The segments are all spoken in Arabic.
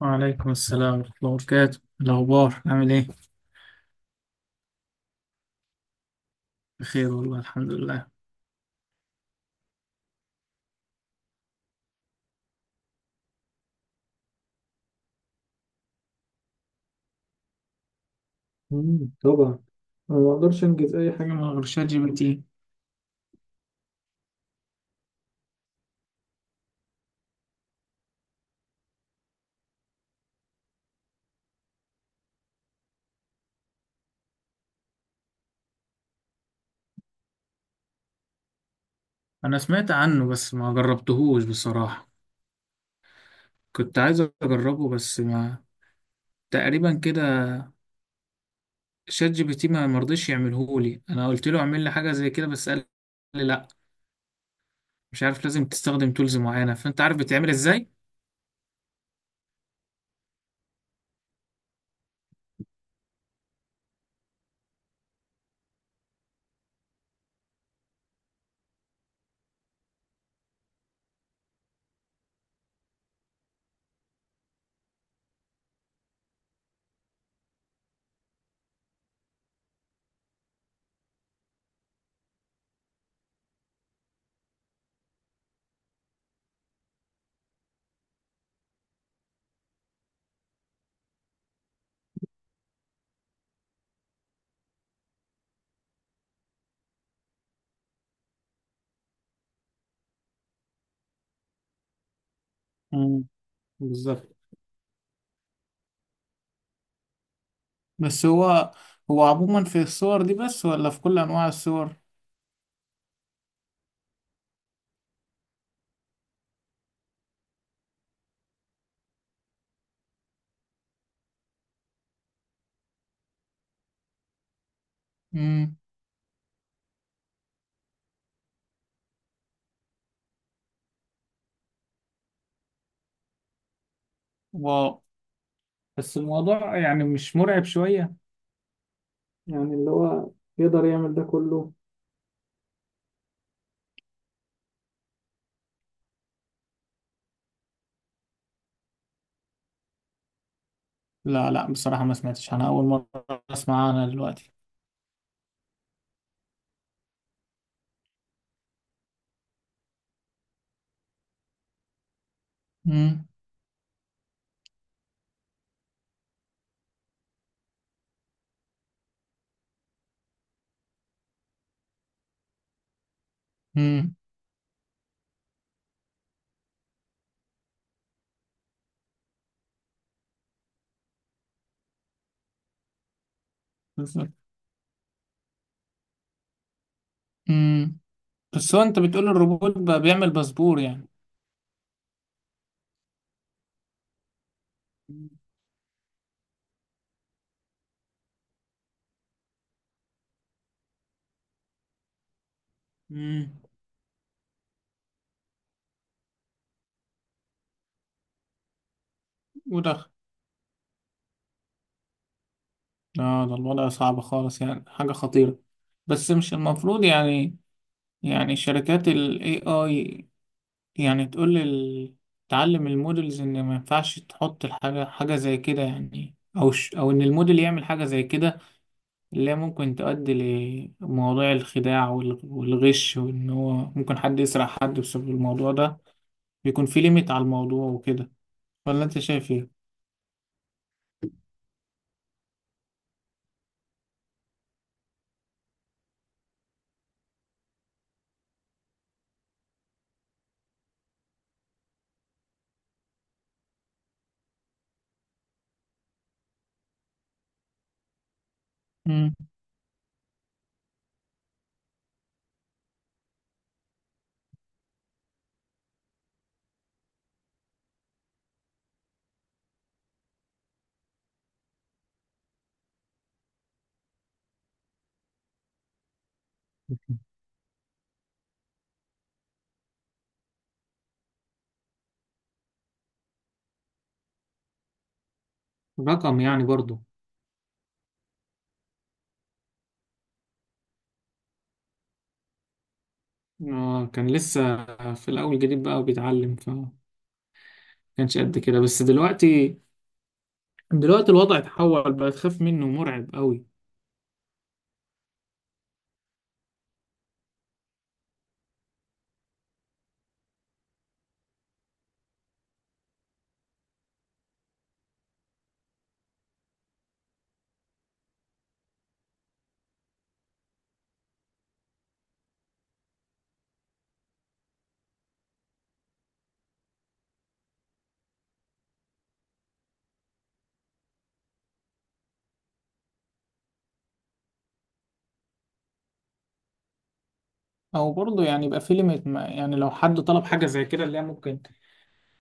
وعليكم السلام ورحمة الله وبركاته. الأخبار عامل إيه؟ بخير والله، الحمد لله. طبعا. انا ما اقدرش انجز اي حاجه من غير شات جي بي تي. أنا سمعت عنه بس ما جربتهوش بصراحة. كنت عايز أجربه بس ما تقريبا كده. شات جي بي تي ما مرضيش يعملهولي، أنا قلت له اعمل لي حاجة زي كده بس قال لي لأ. مش عارف لازم تستخدم تولز معينة، فأنت عارف بتعمل إزاي؟ مم، بالظبط. بس هو هو عموما في الصور دي بس ولا في كل أنواع الصور؟ امم. بس الموضوع يعني مش مرعب شوية؟ يعني اللي هو يقدر يعمل ده كله؟ لا لا، بصراحة ما سمعتش، أنا أول مرة أسمع عنها دلوقتي. امم. امم، بالظبط. امم. بس هو أنت بتقول الروبوت بقى بيعمل باسبور يعني؟ امم. ودخل؟ لا، ده الوضع صعب خالص يعني، حاجة خطيرة. بس مش المفروض يعني، يعني شركات ال AI يعني تقول لل... تعلم المودلز ان ما ينفعش تحط الحاجة حاجة زي كده يعني، او ش... او ان الموديل يعمل حاجة زي كده اللي هي ممكن تؤدي لمواضيع الخداع وال... والغش، وان هو ممكن حد يسرق حد بسبب الموضوع ده. بيكون في ليميت على الموضوع وكده، ولا انت شايف ايه؟ مم. رقم يعني برضو. كان لسه في الأول جديد بقى وبيتعلم، فما كانش قد كده. بس دلوقتي دلوقتي الوضع اتحول، بقى تخاف منه، مرعب قوي. او برضه يعني يبقى في ليميت ما، يعني لو حد طلب حاجه زي كده اللي هي ممكن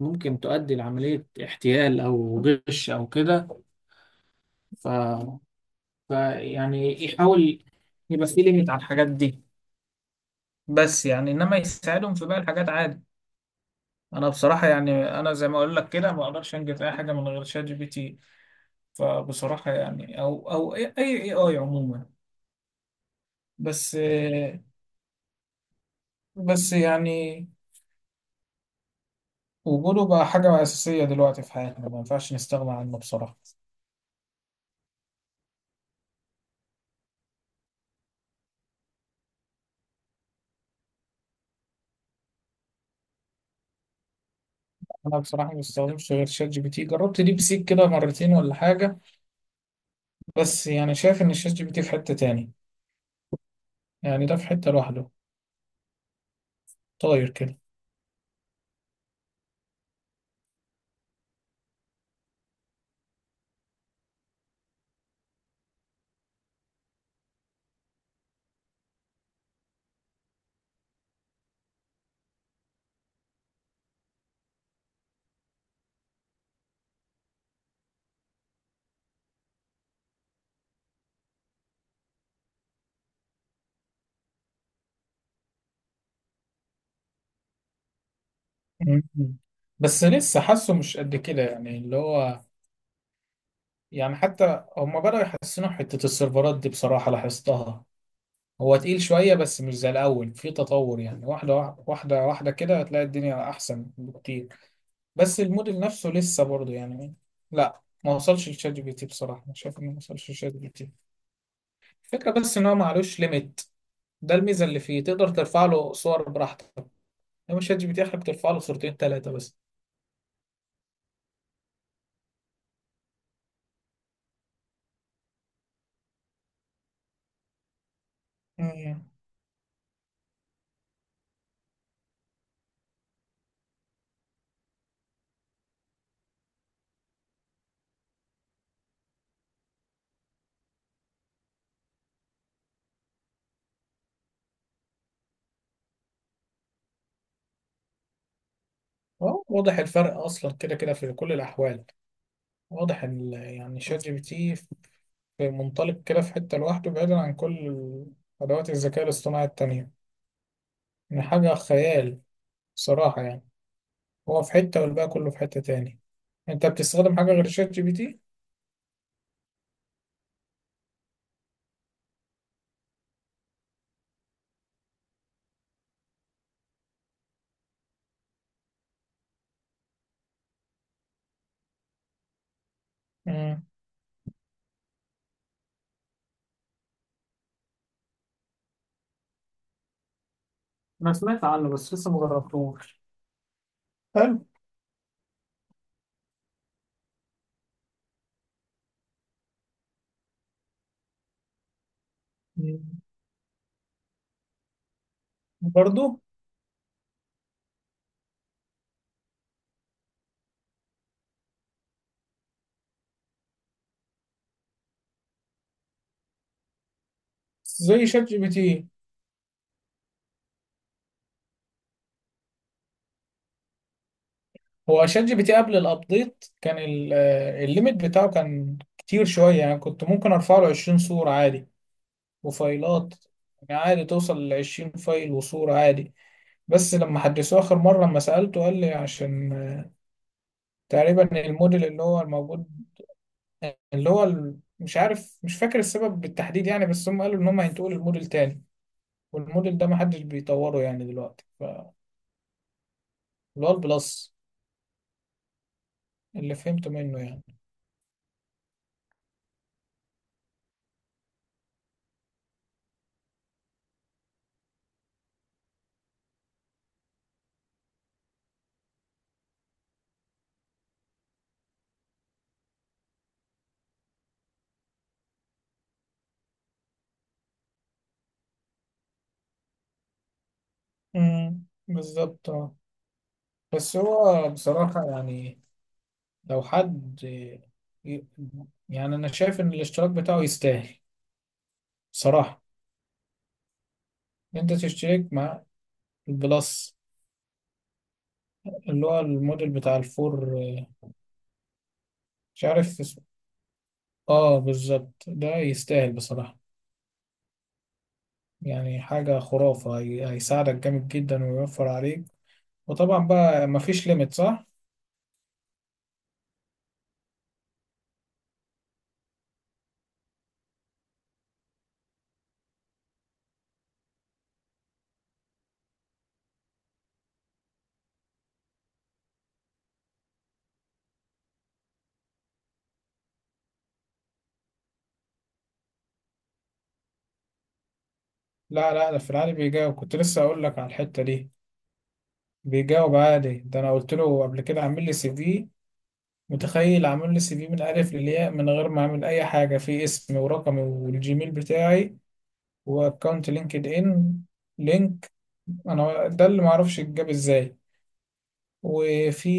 ممكن تؤدي لعمليه احتيال او غش او كده، ف... ف يعني يحاول يبقى في ليميت على الحاجات دي، بس يعني انما يساعدهم في باقي الحاجات عادي. انا بصراحه يعني، انا زي ما اقول لك كده ما اقدرش انجز اي حاجه من غير شات جي بي تي، فبصراحه يعني او اي آي عموما. بس بس يعني وجوده بقى حاجه اساسيه دلوقتي في حياتنا، ما ينفعش نستغنى عنه بصراحه. انا بصراحه ما بستخدمش غير شات جي بي تي، جربت ديب سيك كده مرتين ولا حاجه، بس يعني شايف ان الشات جي بي تي في حته تاني، يعني ده في حته لوحده طاير كده. مم. بس لسه حاسه مش قد كده، يعني اللي هو يعني حتى هما بدأوا يحسنوا حته السيرفرات دي بصراحه لاحظتها، هو تقيل شويه بس مش زي الاول، في تطور يعني واحده واحده واحده واحدة كده، هتلاقي الدنيا احسن بكتير. بس الموديل نفسه لسه برضه يعني لا ما وصلش لشات جي بي تي، بصراحه أنا شايف انه ما وصلش لشات جي بي تي. الفكرة بس ان هو معلوش ليميت، ده الميزة اللي فيه، تقدر ترفع له صور براحتك. لو شات جي بي تي آخرك ترفع له صورتين ثلاثة بس. مم. أهو واضح الفرق أصلا كده كده في كل الأحوال، واضح ال- يعني شات جي بي تي في منطلق كده، في حتة لوحده بعيدا عن كل أدوات الذكاء الاصطناعي التانية، يعني حاجة خيال صراحة يعني. هو في حتة والباقي كله في حتة تاني. أنت بتستخدم حاجة غير شات جي بي تي؟ مم. انا سمعت عنه بس لسه مجربتوش. حلو. مم. برضو. زي شات جي بي تي. هو شات جي بي تي قبل الابديت كان ال- الليميت بتاعه كان كتير شوية، يعني كنت ممكن ارفع له 20 صورة عادي وفايلات، يعني عادي توصل ل 20 فايل وصورة عادي. بس لما حدثوه آخر مرة لما سألته قال لي عشان تقريبا الموديل اللي هو الموجود اللي هو ال- مش عارف مش فاكر السبب بالتحديد يعني، بس هم قالوا إن هم هينتقلوا لموديل تاني، والموديل ده محدش بيطوره يعني دلوقتي، ف اللي هو البلس، اللي فهمته منه يعني. امم، بالظبط. بس هو بصراحة يعني لو حد ي- يعني أنا شايف إن الاشتراك بتاعه يستاهل بصراحة. أنت تشترك مع البلس اللي هو الموديل بتاع الفور، مش عارف اسمه. آه بالظبط، ده يستاهل بصراحة، يعني حاجة خرافة، هي- هيساعدك جامد جدا ويوفر عليك. وطبعا بقى مفيش ليميت صح؟ لا لا، ده في العادي بيجاوب، كنت لسه أقول لك على الحتة دي، بيجاوب عادي. ده أنا قلت له قبل كده عامل لي سي في، متخيل؟ عامل لي سي في من الالف للياء من غير ما اعمل اي حاجه، في اسمي ورقمي والجيميل بتاعي واكونت لينكد ان، لينك. انا ده اللي معرفش اتجاب ازاي. وفي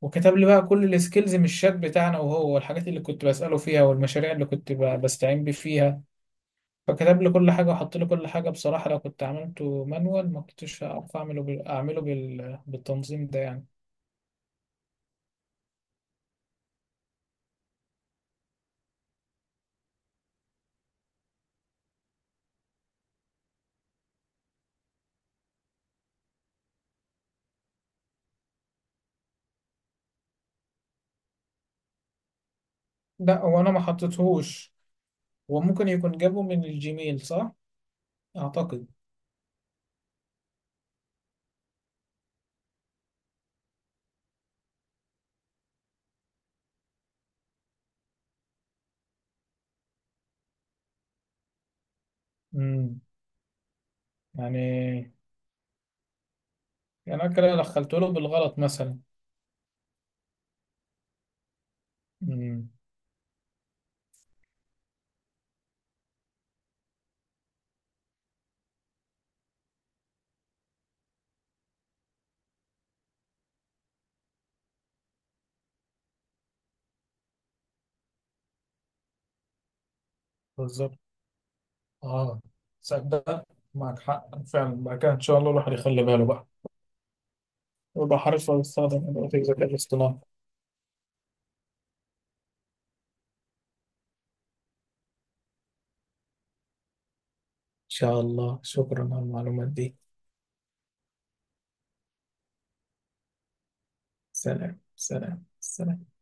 وكتب لي بقى كل السكيلز من الشات بتاعنا، وهو الحاجات اللي كنت بساله فيها والمشاريع اللي كنت ب- بستعين بيه فيها، فكتب لي كل حاجه وحط لي كل حاجه بصراحه، لو كنت عملته مانوال ما كنتش هعرف اعمله بال... اعمله بال... بالتنظيم ده يعني. لا هو انا ما حطيتهوش، وممكن يكون جابه من الجيميل، صح أعتقد. امم. يعني يعني أنا كده دخلت له بالغلط مثلا. امم، بالظبط. اه صدق، معك حق فعلا. بعد كده إن شاء الله الواحد يخلي باله بقى، ويبقى حريص على يستخدم أدوات الذكاء الاصطناعي. إن شاء الله، شكرا على المعلومات دي. سلام سلام سلام.